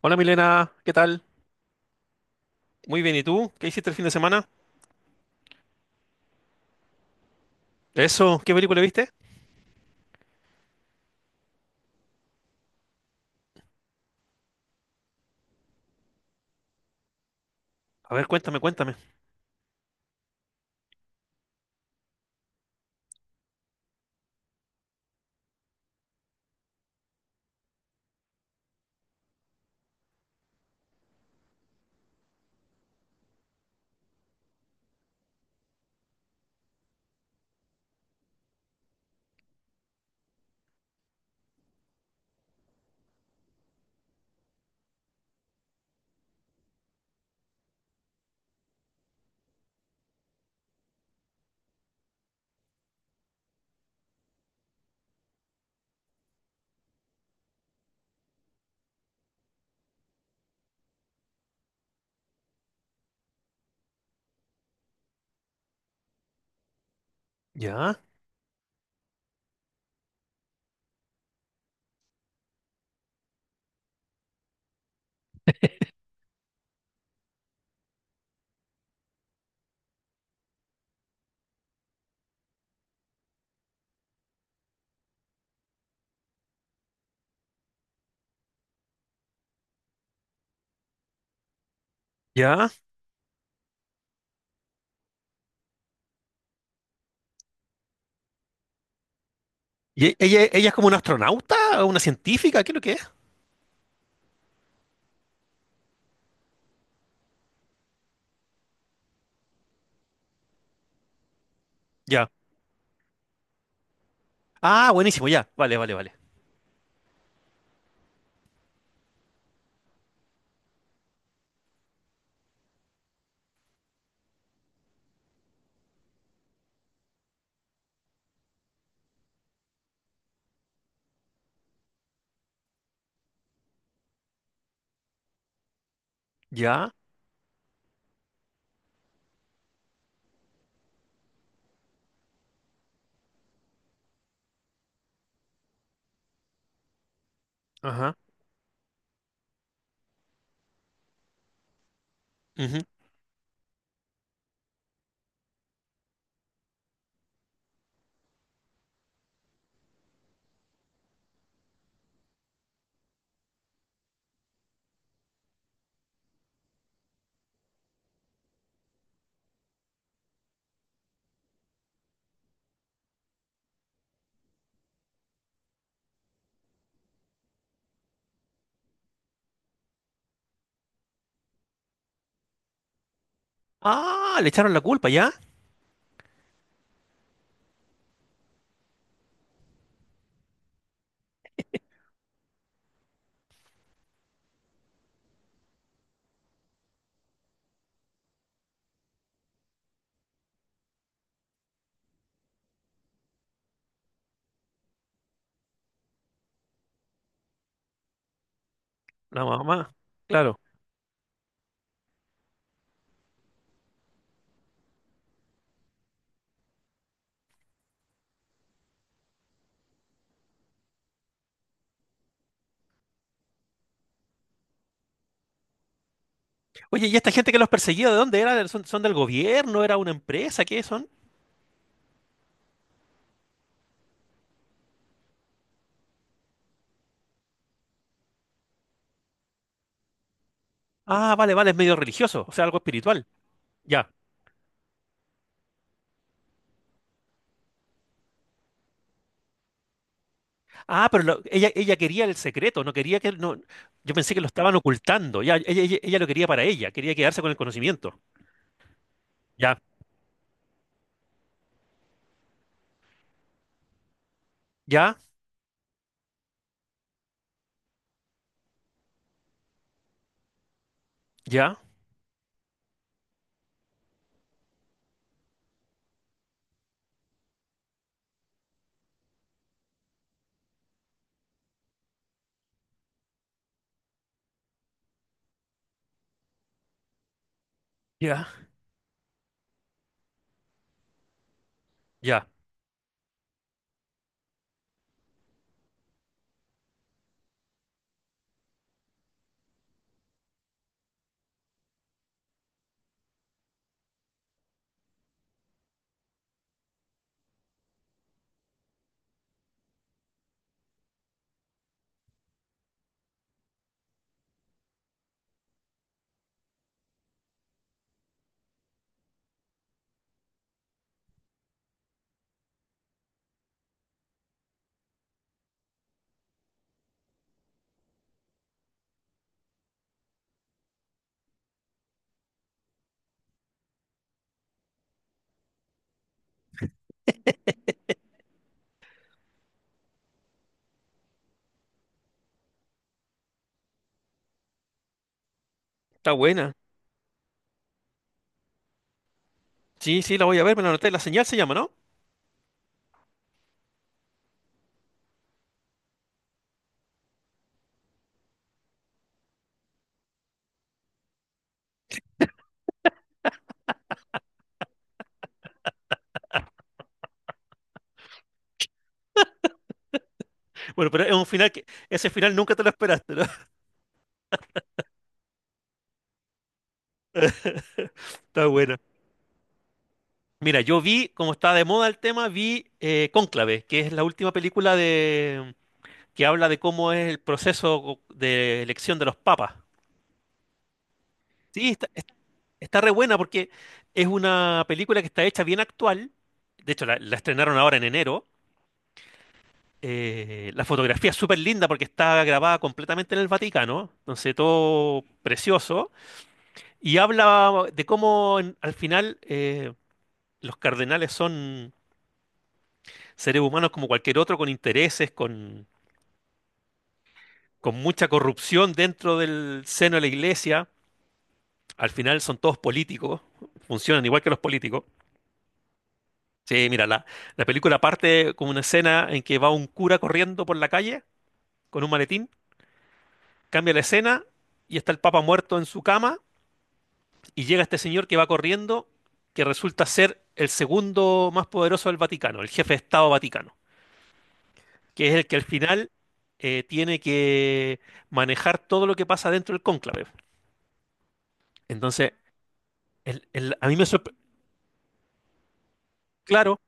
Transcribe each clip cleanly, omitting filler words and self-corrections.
Hola Milena, ¿qué tal? Muy bien, ¿y tú? ¿Qué hiciste el fin de semana? Eso, ¿qué película viste? A ver, cuéntame, cuéntame. Ya, ya. ¿Y ella es como una astronauta o una científica? ¿Qué es lo que es? Ya. Ah, buenísimo, ya. Vale, vale, vale. Ya. Ajá. Ujú. Ah, le echaron la culpa, ¿ya? La mamá. Claro. Oye, ¿y esta gente que los perseguía, de dónde era? ¿Son del gobierno? ¿Era una empresa? ¿Qué son? Ah, vale, vale, es medio religioso, o sea, algo espiritual. Ya. Ah, pero ella quería el secreto, no quería que. No, yo pensé que lo estaban ocultando. Ya, ella lo quería para ella, quería quedarse con el conocimiento. Ya, ya, ya, ya, ya. Está buena. Sí, sí, la voy a ver, me la anoté. La señal se llama, ¿no? Bueno, pero es un final que... Ese final nunca te lo esperaste, ¿no? Está buena. Mira, yo vi, como está de moda el tema, vi Cónclave, que es la última película de. Que habla de cómo es el proceso de elección de los papas. Sí, está. Está re buena porque es una película que está hecha bien actual. De hecho, la estrenaron ahora en enero. La fotografía es súper linda porque está grabada completamente en el Vaticano. Entonces, todo precioso. Y habla de cómo al final los cardenales son seres humanos como cualquier otro, con intereses, con mucha corrupción dentro del seno de la iglesia. Al final son todos políticos, funcionan igual que los políticos. Sí, mira, la película parte con una escena en que va un cura corriendo por la calle con un maletín, cambia la escena y está el Papa muerto en su cama y llega este señor que va corriendo, que resulta ser el segundo más poderoso del Vaticano, el jefe de Estado Vaticano, que es el que al final tiene que manejar todo lo que pasa dentro del cónclave. Entonces, a mí me sorprendió.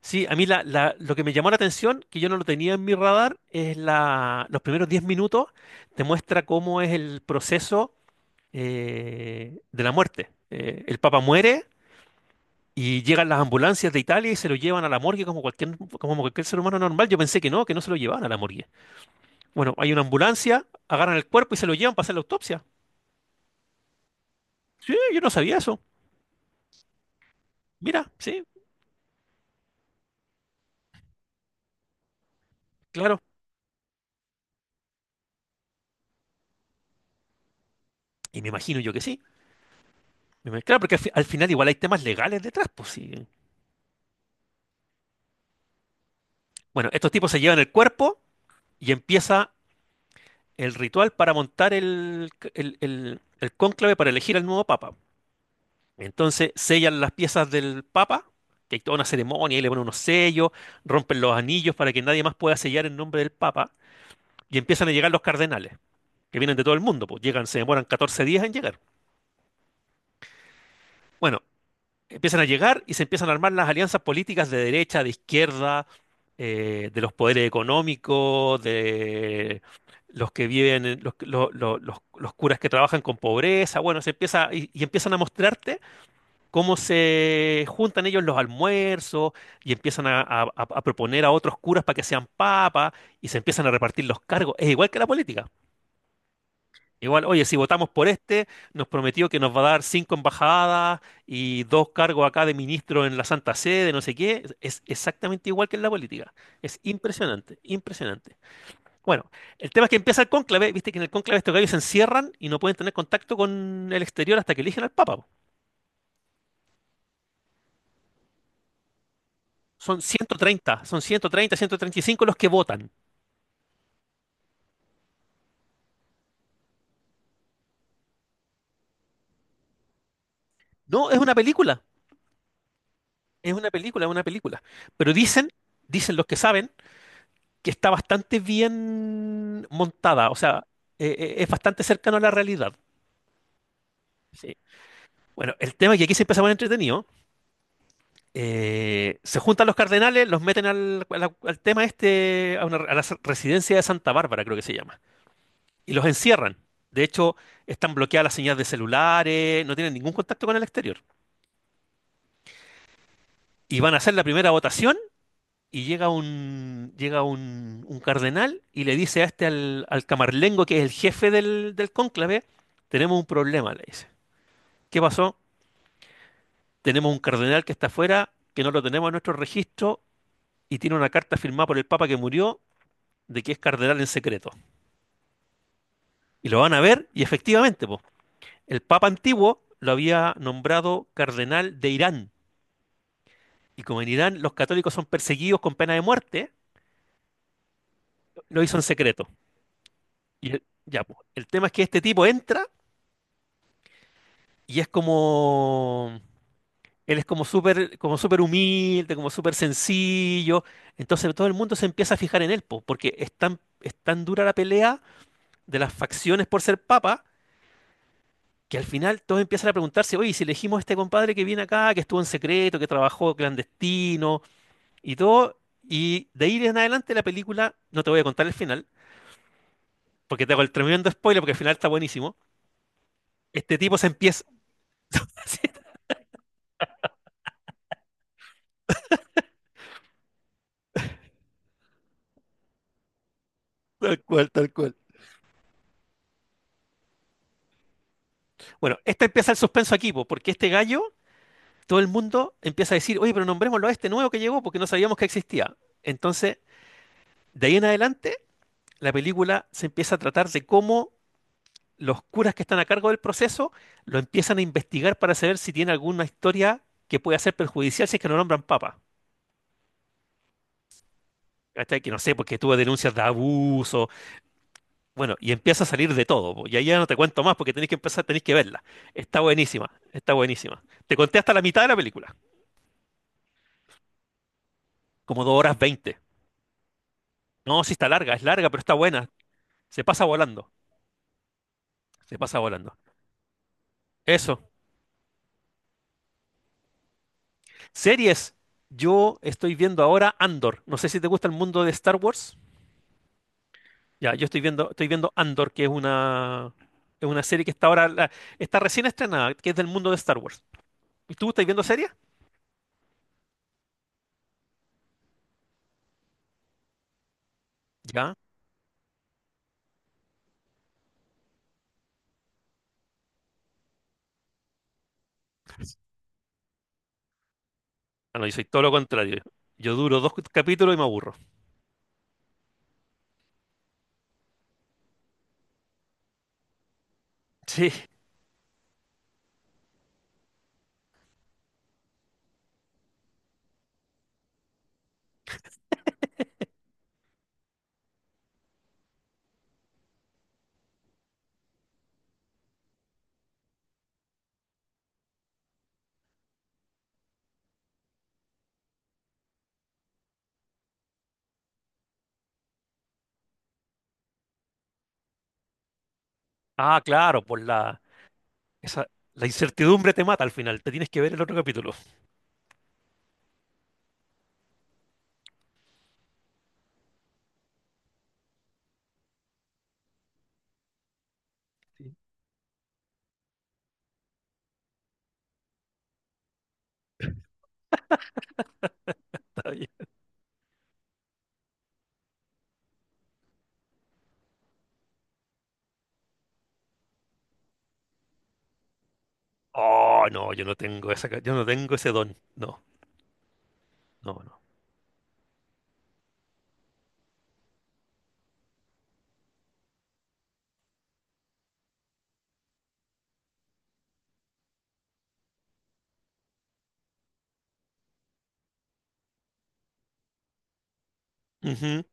Sí, a mí lo que me llamó la atención, que yo no lo tenía en mi radar, es los primeros 10 minutos, te muestra cómo es el proceso de la muerte. El Papa muere y llegan las ambulancias de Italia y se lo llevan a la morgue como cualquier ser humano normal. Yo pensé que no se lo llevaban a la morgue. Bueno, hay una ambulancia, agarran el cuerpo y se lo llevan para hacer la autopsia. Sí, yo no sabía eso. Mira, sí, claro. Y me imagino yo que sí. Claro, porque al final igual hay temas legales detrás, pues sí. Bueno, estos tipos se llevan el cuerpo y empieza el ritual para montar el cónclave para elegir al nuevo papa. Entonces sellan las piezas del papa, que hay toda una ceremonia, y le ponen unos sellos, rompen los anillos para que nadie más pueda sellar en nombre del papa, y empiezan a llegar los cardenales, que vienen de todo el mundo, pues llegan, se demoran 14 días en llegar. Bueno, empiezan a llegar y se empiezan a armar las alianzas políticas de derecha, de izquierda, de los poderes económicos, de los que viven, en- los, lo- los curas que trabajan con pobreza. Bueno, se empieza y empiezan a mostrarte cómo se juntan ellos en los almuerzos y empiezan a proponer a otros curas para que sean papas y se empiezan a repartir los cargos. Es igual que la política. Igual, oye, si votamos por este, nos prometió que nos va a dar cinco embajadas y dos cargos acá de ministro en la Santa Sede, no sé qué. Es exactamente igual que en la política. Es impresionante, impresionante. Bueno, el tema es que empieza el cónclave, viste que en el cónclave estos gallos se encierran y no pueden tener contacto con el exterior hasta que eligen al Papa, po. Son 130, son 130, 135 los que votan. No, es una película, es una película, es una película. Pero dicen los que saben que está bastante bien montada, o sea, es bastante cercano a la realidad. Sí. Bueno, el tema es que aquí se empieza a poner entretenido. Se juntan los cardenales, los meten al tema este, a la residencia de Santa Bárbara, creo que se llama, y los encierran. De hecho, están bloqueadas las señales de celulares, no tienen ningún contacto con el exterior. Y van a hacer la primera votación. Y llega un cardenal y le dice al camarlengo, que es el jefe del cónclave, tenemos un problema, le dice. ¿Qué pasó? Tenemos un cardenal que está afuera, que no lo tenemos en nuestro registro y tiene una carta firmada por el Papa que murió de que es cardenal en secreto. Y lo van a ver y efectivamente, po, el Papa antiguo lo había nombrado cardenal de Irán. Y como en Irán los católicos son perseguidos con pena de muerte, lo hizo en secreto. Ya, po, el tema es que este tipo entra. Y es como. Él es como súper humilde, como súper sencillo. Entonces todo el mundo se empieza a fijar en él, po, porque es tan dura la pelea de las facciones por ser papa, que al final todos empiezan a preguntarse, oye, ¿y si elegimos a este compadre que viene acá, que estuvo en secreto, que trabajó clandestino y todo? Y de ahí en adelante la película, no te voy a contar el final, porque te hago el tremendo spoiler, porque el final está buenísimo. Este tipo se empieza. Sí, tal cual, tal cual. Bueno, este empieza el suspenso aquí, po, porque este gallo todo el mundo empieza a decir, oye, pero nombrémoslo a este nuevo que llegó porque no sabíamos que existía. Entonces, de ahí en adelante, la película se empieza a tratar de cómo los curas que están a cargo del proceso lo empiezan a investigar para saber si tiene alguna historia que pueda ser perjudicial si es que no nombran papa. Hasta que no sé, porque tuvo denuncias de abuso. Bueno, y empieza a salir de todo, po. Y ahí ya no te cuento más porque tenés que empezar, tenés que verla. Está buenísima, está buenísima. Te conté hasta la mitad de la película, como 2 horas 20. No, sí está larga, es larga, pero está buena. Se pasa volando. Se pasa volando. Eso. Series. Yo estoy viendo ahora Andor. No sé si te gusta el mundo de Star Wars. Ya, yo estoy viendo Andor, que es una serie que está ahora, está recién estrenada, que es del mundo de Star Wars. ¿Y tú estás viendo series? Ya. Ah, no, yo soy todo lo contrario. Yo duro dos capítulos y me aburro. Sí. Ah, claro, por esa, la incertidumbre te mata al final. Te tienes que ver el otro capítulo. Sí. Está bien. Oh, no, yo no tengo ese don. No, no, no. Ujú.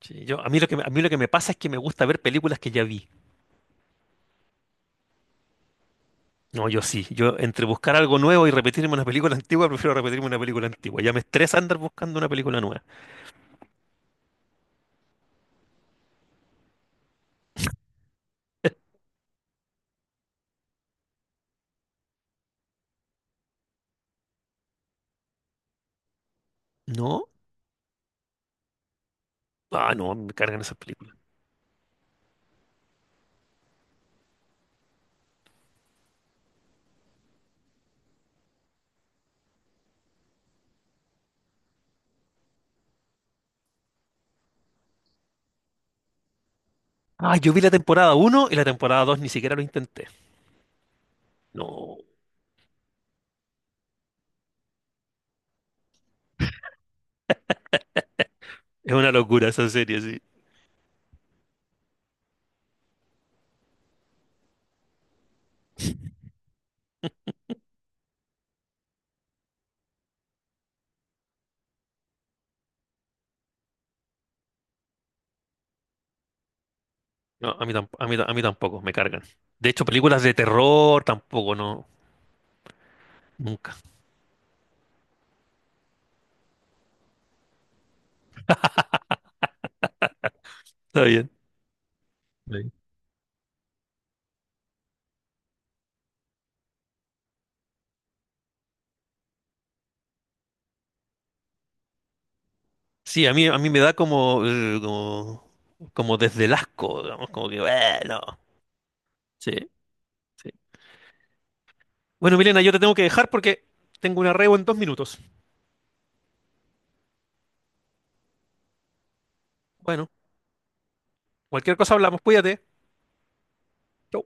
Sí, yo, a mí lo que, me- a mí lo que me pasa es que me gusta ver películas que ya vi. No, yo sí. Yo entre buscar algo nuevo y repetirme una película antigua, prefiero repetirme una película antigua. Ya me estresa andar buscando una película nueva. ¿No? Ah, no, me cargan esas películas. Ah, yo vi la temporada 1 y la temporada 2 ni siquiera lo intenté. No, es una locura esa serie, sí. No, a mí tampoco, me cargan. De hecho, películas de terror tampoco, no, nunca. Está bien. Está bien. Sí, a mí me da como desde el asco, digamos, como que, bueno. Sí, sí. Bueno, Milena, yo te tengo que dejar porque tengo una reo en 2 minutos. Bueno, cualquier cosa hablamos, cuídate. Chau.